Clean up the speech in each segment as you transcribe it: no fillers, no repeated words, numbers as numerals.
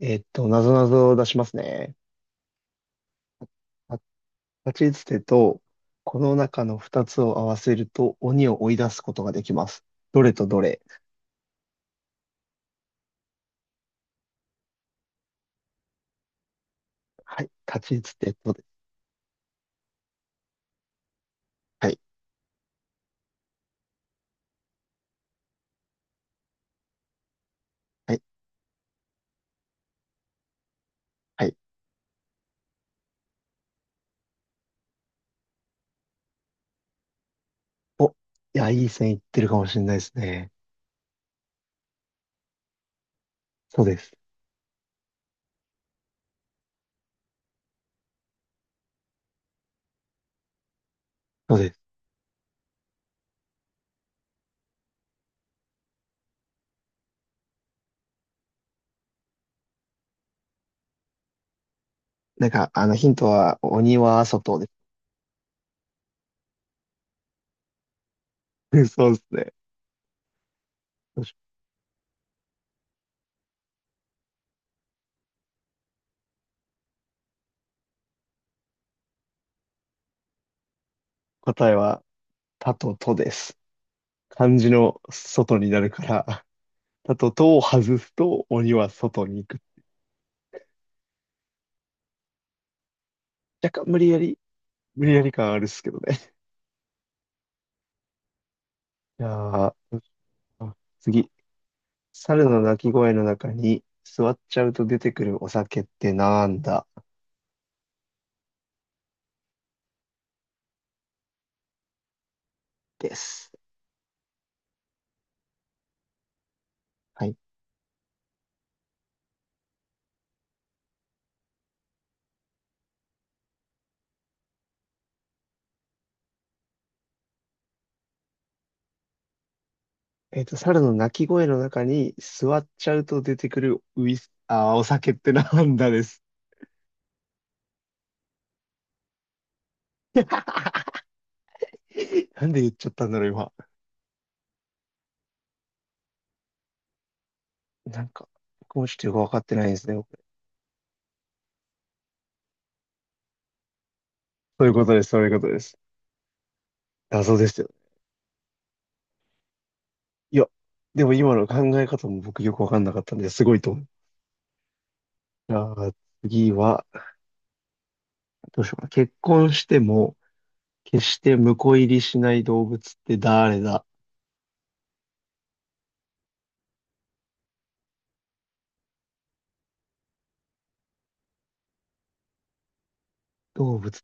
なぞなぞを出しますね。た立ちつてと、この中の二つを合わせると鬼を追い出すことができます。どれとどれ？はい。立ちつてとで、はい。はい。はい。お、いや、いい線いってるかもしれないですね。そうです。そうです。なんか、あの、ヒントは、鬼は外です。そうですね。よし、答えは、たととです。漢字の外になるから、たととを外すと鬼は外に行く。若干無理やり、無理やり感あるっすけどね。じゃあ、どうしよう。次。猿の鳴き声の中に座っちゃうと出てくるお酒ってなんだ？です。はい。猿の鳴き声の中に座っちゃうと出てくるウイス、お酒ってなんだ？です。なんで言っちゃったんだろう、今。なんか、僕もちょっとよくわかってないですね。そういうことです、そういうことです。謎ですよ。いや、でも今の考え方も僕よくわかんなかったんで、すごいと思う。じゃあ、次は、どうしようかな。結婚しても、決して婿入りしない動物って誰だ？動物。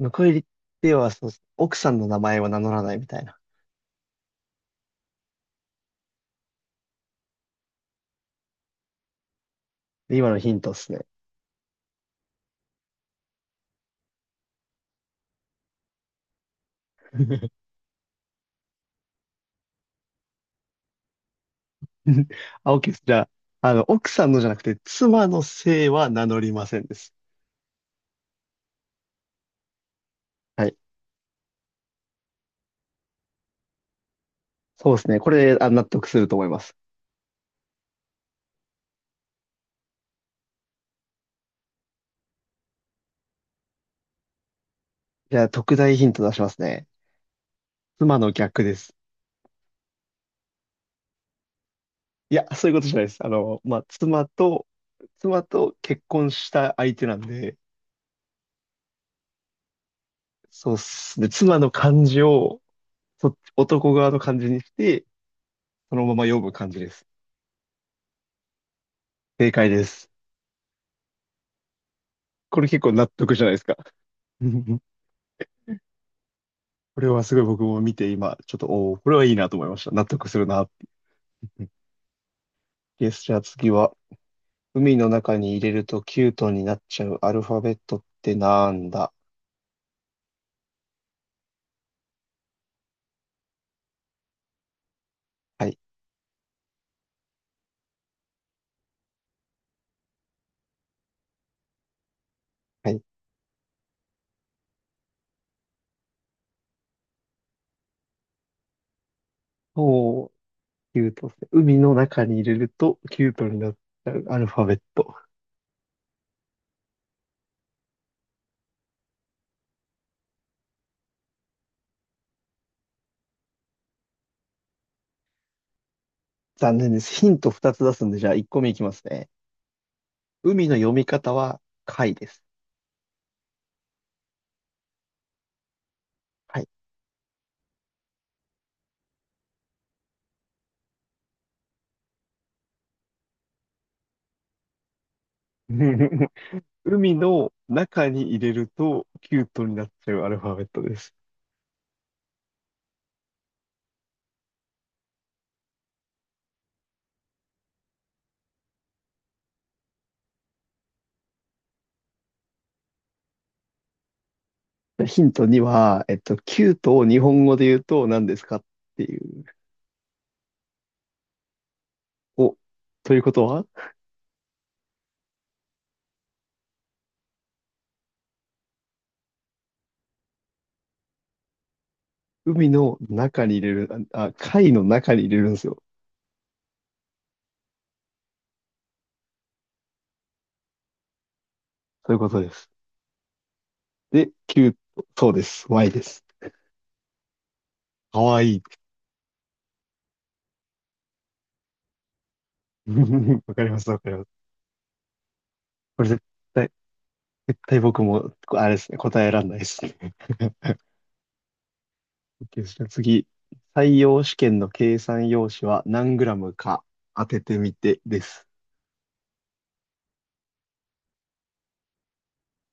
婿入りっては、そう、奥さんの名前は名乗らないみたいな。で、今のヒントっすね。あ、OK です。じゃあ、あの、奥さんのじゃなくて、妻の姓は名乗りませんです。はい。そうですね。これ、あ、納得すると思います。じゃあ、特大ヒント出しますね。妻の逆です。いや、そういうことじゃないです。あの、まあ、妻と結婚した相手なんで、そうっすね。妻の漢字を、そっち、男側の漢字にして、そのまま読む感じです。正解です。これ結構納得じゃないですか。これはすごい僕も見て今、ちょっと、おーこれはいいなと思いました。納得するな。よし、じゃあ次は、海の中に入れるとキュートになっちゃうアルファベットってなんだ？はい、はい。おー、キュートですね。海の中に入れるとキュートになっちゃうアルファベット。残念です。ヒント2つ出すんで、じゃあ1個目いきますね。海の読み方は、貝です。はい。海の中に入れると、キュートになっちゃうアルファベットです。ヒント2は、キュートを日本語で言うと何ですか？っていう。お、ということは、海の中に入れる、あ、あ貝の中に入れるんですよ。そういうことです。で、キュート、そうです。Y です。かわいい。わかります、わかります。これ対、絶対僕も、あれですね、答えらんないですね。OK ですね。次。採用試験の計算用紙は何グラムか当ててみてです。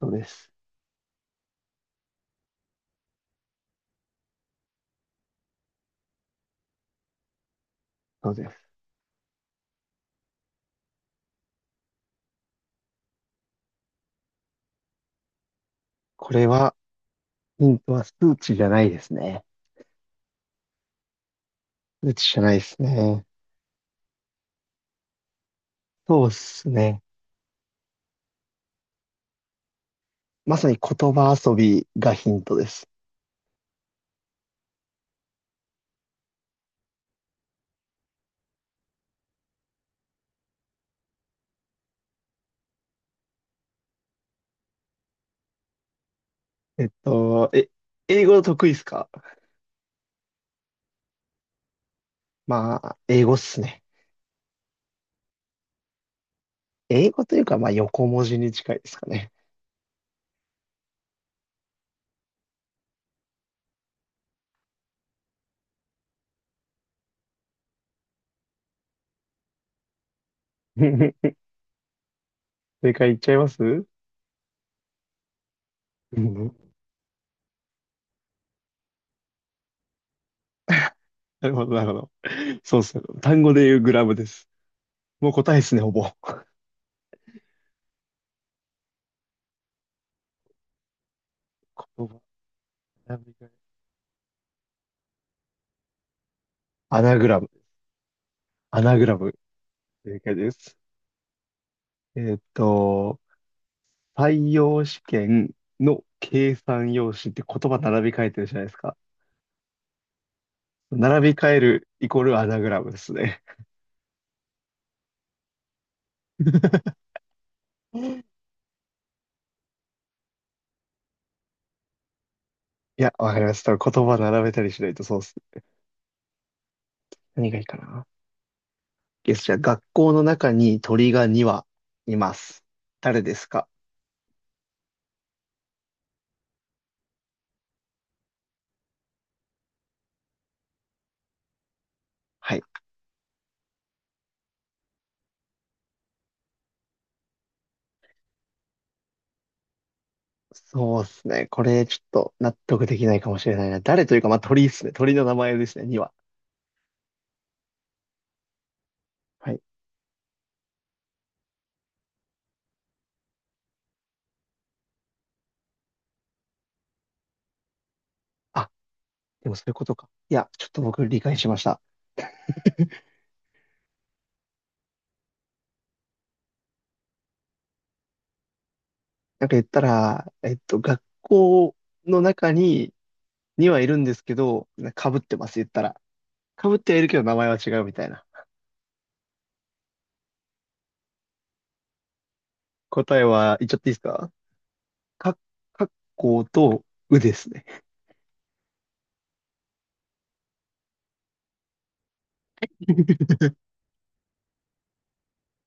そうです。そうです。これは、ヒントは数値じゃないですね。数値じゃないですね。そうですね。まさに言葉遊びがヒントです。えっと、え、英語得意ですか？まあ、英語っすね。英語というか、まあ、横文字に近いですかね。正解いっちゃいます？うん。なるほど、なるほど。そうっすね。単語で言うグラムです。もう答えですね、ほぼ。言葉選びがアナグラム。アナグラム。正解です。えっと、採用試験の計算用紙って言葉並び替えてるじゃないですか。並び替えるイコールアナグラムですね。いや、わかりました。言葉並べたりしないとそうっす。何がいいかな。じゃあ、学校の中に鳥が2羽います。誰ですか？はい。そうですね。これ、ちょっと納得できないかもしれないな。誰というか、まあ、鳥ですね。鳥の名前ですね、2羽。はい。でもそういうことか。いや、ちょっと僕理解しました。なんか言ったら、学校の中にはいるんですけど、かぶってます、言ったら。かぶってはいるけど名前は違うみたいな。答えは言っちゃっていいですか？か、かっこうとうですね。